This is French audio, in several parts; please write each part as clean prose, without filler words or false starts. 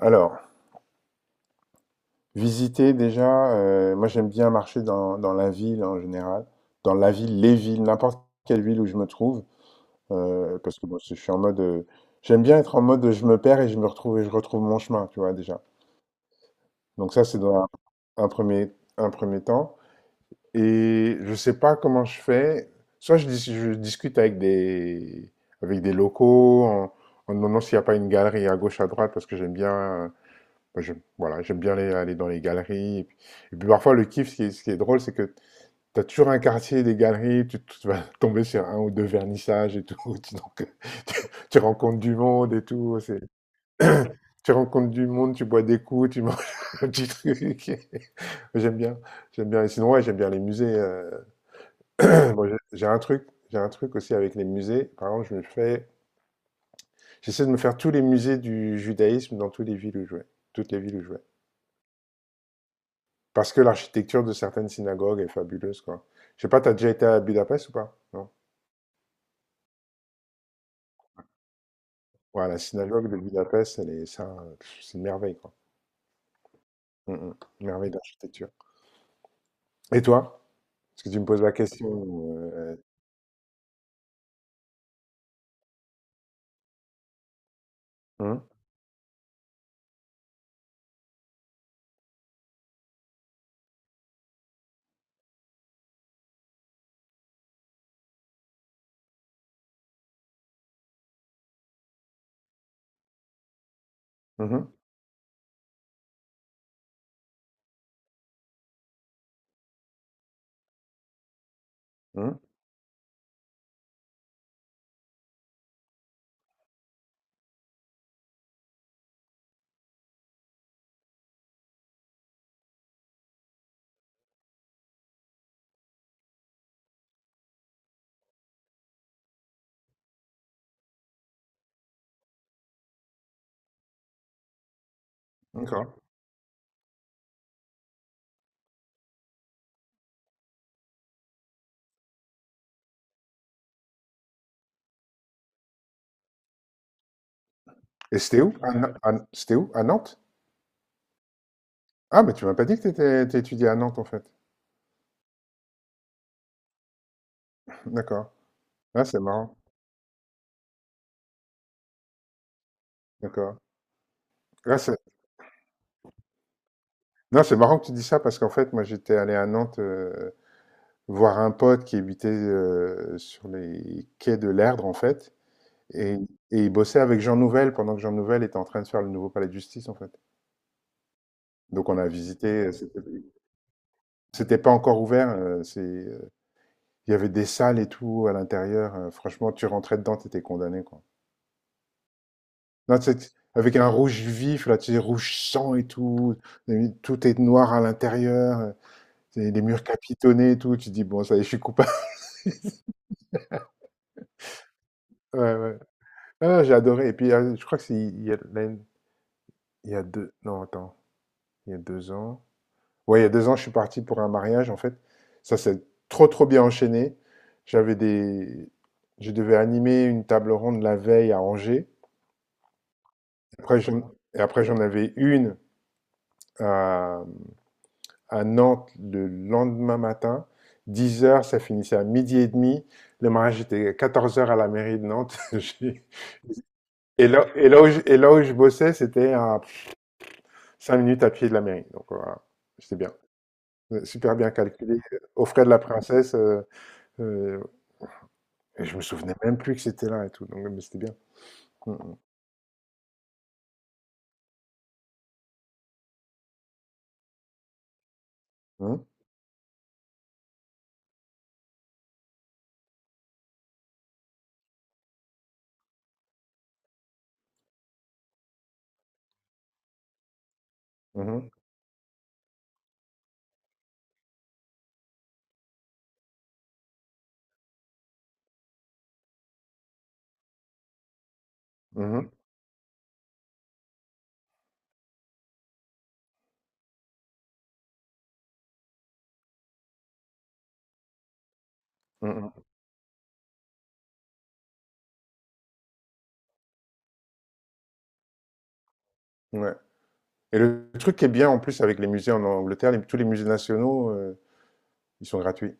Alors, visiter déjà, moi j'aime bien marcher dans la ville en général, dans la ville, les villes, n'importe quelle ville où je me trouve, parce que bon, je suis en mode, j'aime bien être en mode je me perds et je me retrouve et je retrouve mon chemin, tu vois déjà. Donc ça c'est dans un premier temps. Et je sais pas comment je fais. Soit je discute avec avec des locaux en demandant s'il n'y a pas une galerie à gauche, à droite, parce que j'aime bien. Moi, voilà, j'aime bien aller dans les galeries. Et puis parfois, le kiff, ce qui est drôle, c'est que tu as toujours un quartier des galeries, tu vas tomber sur un ou deux vernissages et tout. Donc, tu, tu rencontres du monde et tout. Tu rencontres du monde, tu bois des coups, tu manges un petit truc. J'aime bien. J'aime bien. Et sinon, ouais, j'aime bien les musées. Bon, j'ai un truc aussi avec les musées. Par exemple, j'essaie de me faire tous les musées du judaïsme dans toutes les villes où je vais. Toutes les villes où je vais. Parce que l'architecture de certaines synagogues est fabuleuse, quoi. Je sais pas, t'as déjà été à Budapest ou pas? Non. Ouais, la synagogue de Budapest, elle est, ça, pff, c'est une merveille, quoi. Mm, mm. Une merveille d'architecture. Et toi? Parce que tu me poses la question. Hum. Mhm. Hum. D'accord. Et c'était où? C'était où? À Nantes? Ah, mais tu m'as pas dit que t'étudiais à Nantes, en fait. D'accord. Là, c'est marrant. D'accord. Là, c'est. Non, c'est marrant que tu dis ça parce qu'en fait, moi, j'étais allé à Nantes voir un pote qui habitait sur les quais de l'Erdre, en fait, et et il bossait avec Jean Nouvel pendant que Jean Nouvel était en train de faire le nouveau palais de justice, en fait. Donc on a visité. C'était pas encore ouvert. Il y avait des salles et tout à l'intérieur, franchement, tu rentrais dedans, t'étais condamné, quoi. Non, tu avec un rouge vif, là, tu sais, rouge sang et tout est noir à l'intérieur, c'est les murs capitonnés et tout, tu te dis: «Bon, ça y est, je suis coupable». Ouais, ouais. Non, j'ai adoré et puis, je crois que c'est il y a l'année Il y a 2 non, attends, il y a 2 ans. Ouais, il y a 2 ans, je suis parti pour un mariage, en fait. Ça s'est trop, trop bien enchaîné. J'avais des je devais animer une table ronde la veille à Angers. Après, j'en avais une à, à Nantes le lendemain matin. 10 heures, ça finissait à midi et demi. Le mariage était à 14 heures à la mairie de Nantes. Et là, et là où je bossais, c'était à 5 minutes à pied de la mairie. Donc voilà, c'était bien. Super bien calculé, aux frais de la princesse, heu, et je me souvenais même plus que c'était là et tout, donc mais c'était bien. Mmh. Mh. Mmh. Mh. Mmh. Mmh mmh. Mmh. Ouais, et le truc qui est bien en plus avec les musées en Angleterre, les tous les musées nationaux, ils sont gratuits.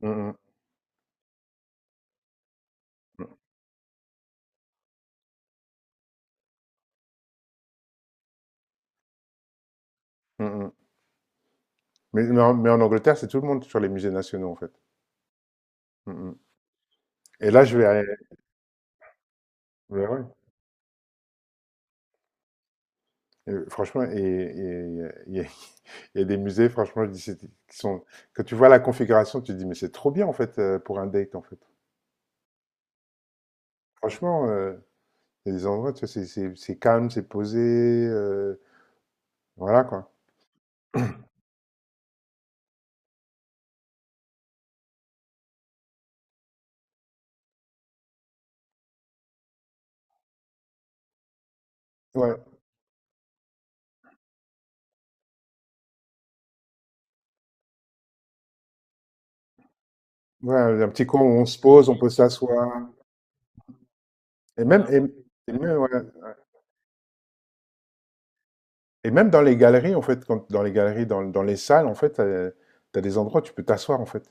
Mmh. Mh. Mmh. Mmh mmh. Mais mais en Angleterre, c'est tout le monde sur les musées nationaux, en fait. Mmh mmh. et là, je vais aller ouais, ouais, franchement, et il y a des musées, franchement, je dis, c'est qui sont quand tu vois la configuration, tu te dis: «Mais c'est trop bien, en fait, pour un date, en fait». Franchement, il y a des endroits, tu vois, c'est calme, c'est posé. Voilà, quoi. Ouais, ouais, un petit coin où on se pose, on peut s'asseoir. Et même, et même, ouais. Et même dans les galeries, en fait, quand, dans les galeries, dans, dans les salles, en fait, t'as des endroits où tu peux t'asseoir, en fait.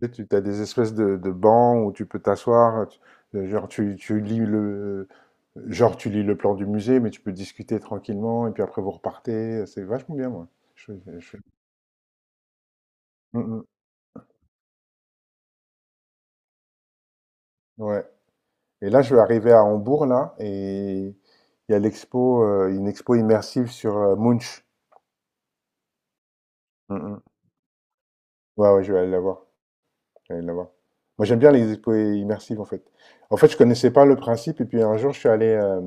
Tu sais, t'as des espèces de bancs où tu peux t'asseoir. Genre, genre, tu lis le plan du musée, mais tu peux discuter tranquillement. Et puis après, vous repartez. C'est vachement bien, moi. Je, je- je- Mm, mm. Ouais. Et là, je vais arriver à Hambourg, là, et il y a une expo immersive sur Munch. Mhm. Ouais, ouais, je vais aller la voir. Je vais aller la voir. Moi, j'aime bien les expos immersives, en fait. En fait, je connaissais pas le principe, et puis un jour, je suis allé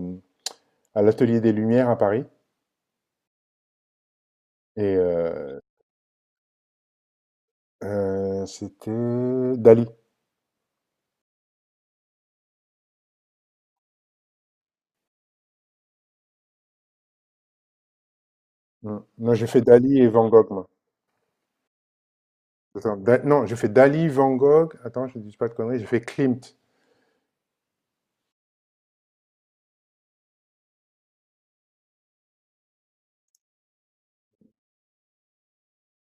à l'Atelier des Lumières à Paris, et c'était Dali. Mm. Non, j'ai fait Dali et Van Gogh, moi. Attends, non, j'ai fait Dali, Van Gogh, attends, je ne dis pas de conneries, j'ai fait Klimt.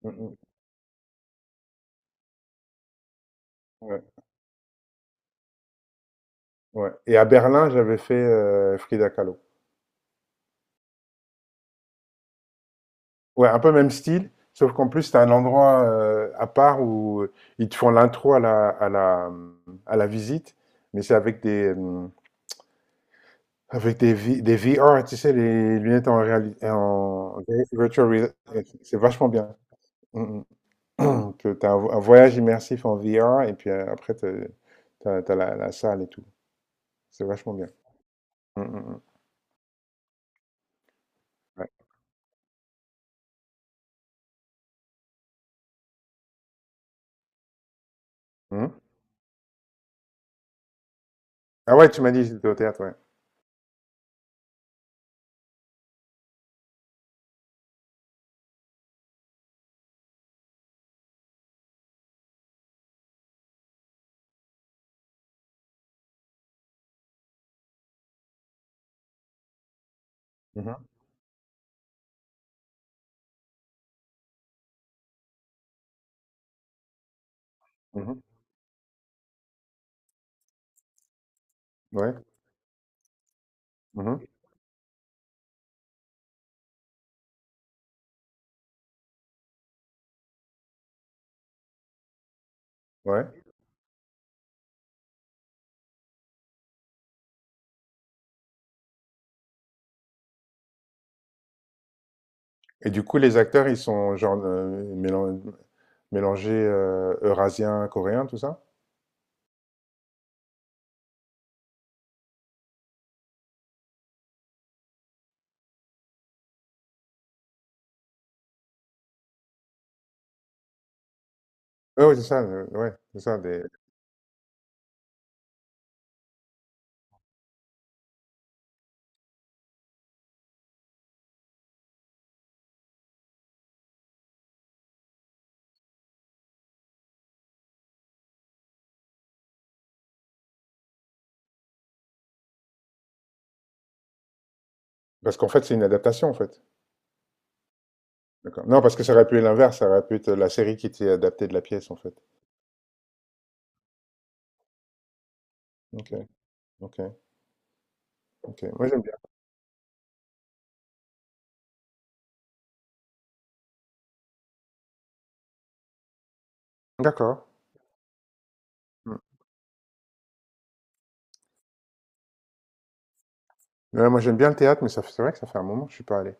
Mm, mm. Ouais, ouais. Et à Berlin, j'avais fait Frida Kahlo. Ouais, un peu même style, sauf qu'en plus, tu un endroit à part où ils te font l'intro à à la visite, mais c'est avec des, V- des VR, tu sais, les lunettes en réalité, en virtual reality. C'est vachement bien. Mm, mm. Que tu un, un voyage immersif en VR, et puis après, t'as la salle et tout. C'est vachement bien. Mm, mm, mm. Ouais. Mhm. Ah ouais, tu m'as dit que j'étais au théâtre, ouais. Mhm, mhm. Ouais. Mhm, ouais. Et du coup, les acteurs, ils sont genre mélangés eurasiens, coréens, tout ça? Ah oui, c'est ça, ouais, c'est ça. Parce qu'en fait, c'est une adaptation, en fait. D'accord. Non, parce que ça aurait pu être l'inverse, ça aurait pu être la série qui était adaptée de la pièce, en fait. Ok, ok, ok. Moi, j'aime bien. D'accord. Hmm. Ouais, moi, j'aime bien le théâtre, mais c'est vrai que ça fait un moment que je suis pas allé.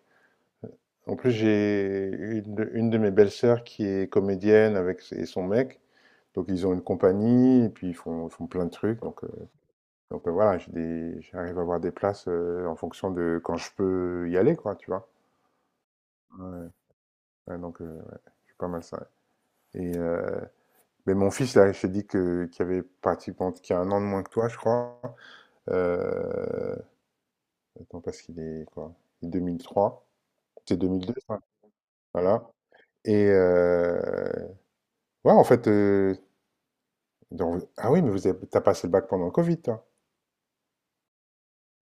En plus, j'ai une de mes belles-sœurs qui est comédienne et son mec. Donc, ils ont une compagnie, et puis ils font plein de trucs. Donc, donc, voilà, j'arrive à avoir des places, en fonction de quand je peux y aller, quoi, tu vois? Ouais, donc, c'est pas mal ça, ouais, et mais mon fils là, je t'ai dit que qu'il avait pratiquement qui a un an de moins que toi, je crois, heu, attends parce qu'il est quoi? 2003, c'est 2002 ça? Voilà, et ouais, en fait, dans ah oui, mais vous avez tu passé le bac pendant le Covid, toi?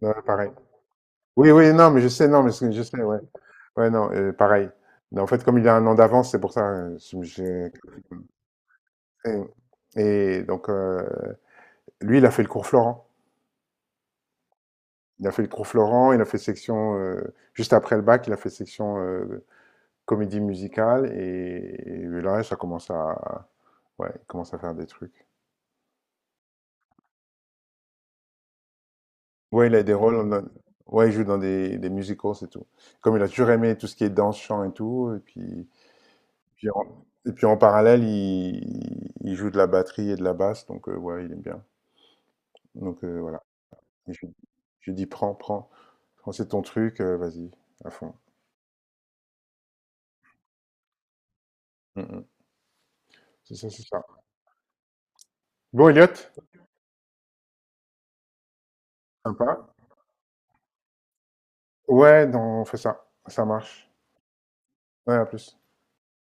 Ouais, pareil. Oui, oui, non, mais je sais, non, mais ce je sais, ouais. Ouais, non, pareil. Mais en fait, comme il a un an d'avance, c'est pour ça, je me Et, et donc, lui, il a fait le cours Florent. Il a fait le cours Florent, il a fait section, juste après le bac, il a fait section comédie musicale. Et, là, ouais, il commence à faire des trucs. Ouais, il a des rôles, ouais, il joue dans des musicals, c'est tout. Comme il a toujours aimé tout ce qui est danse, chant et tout. Puis en, et puis en parallèle, il joue de la batterie et de la basse, donc ouais, il aime bien. Donc voilà. Et je dis, prends, prends, prends, c'est ton truc, vas-y, à fond. Mmh mh. C'est ça, c'est ça. Bon Elliot, sympa. Ouais, non, on fait ça. Ça marche. Ouais, à plus.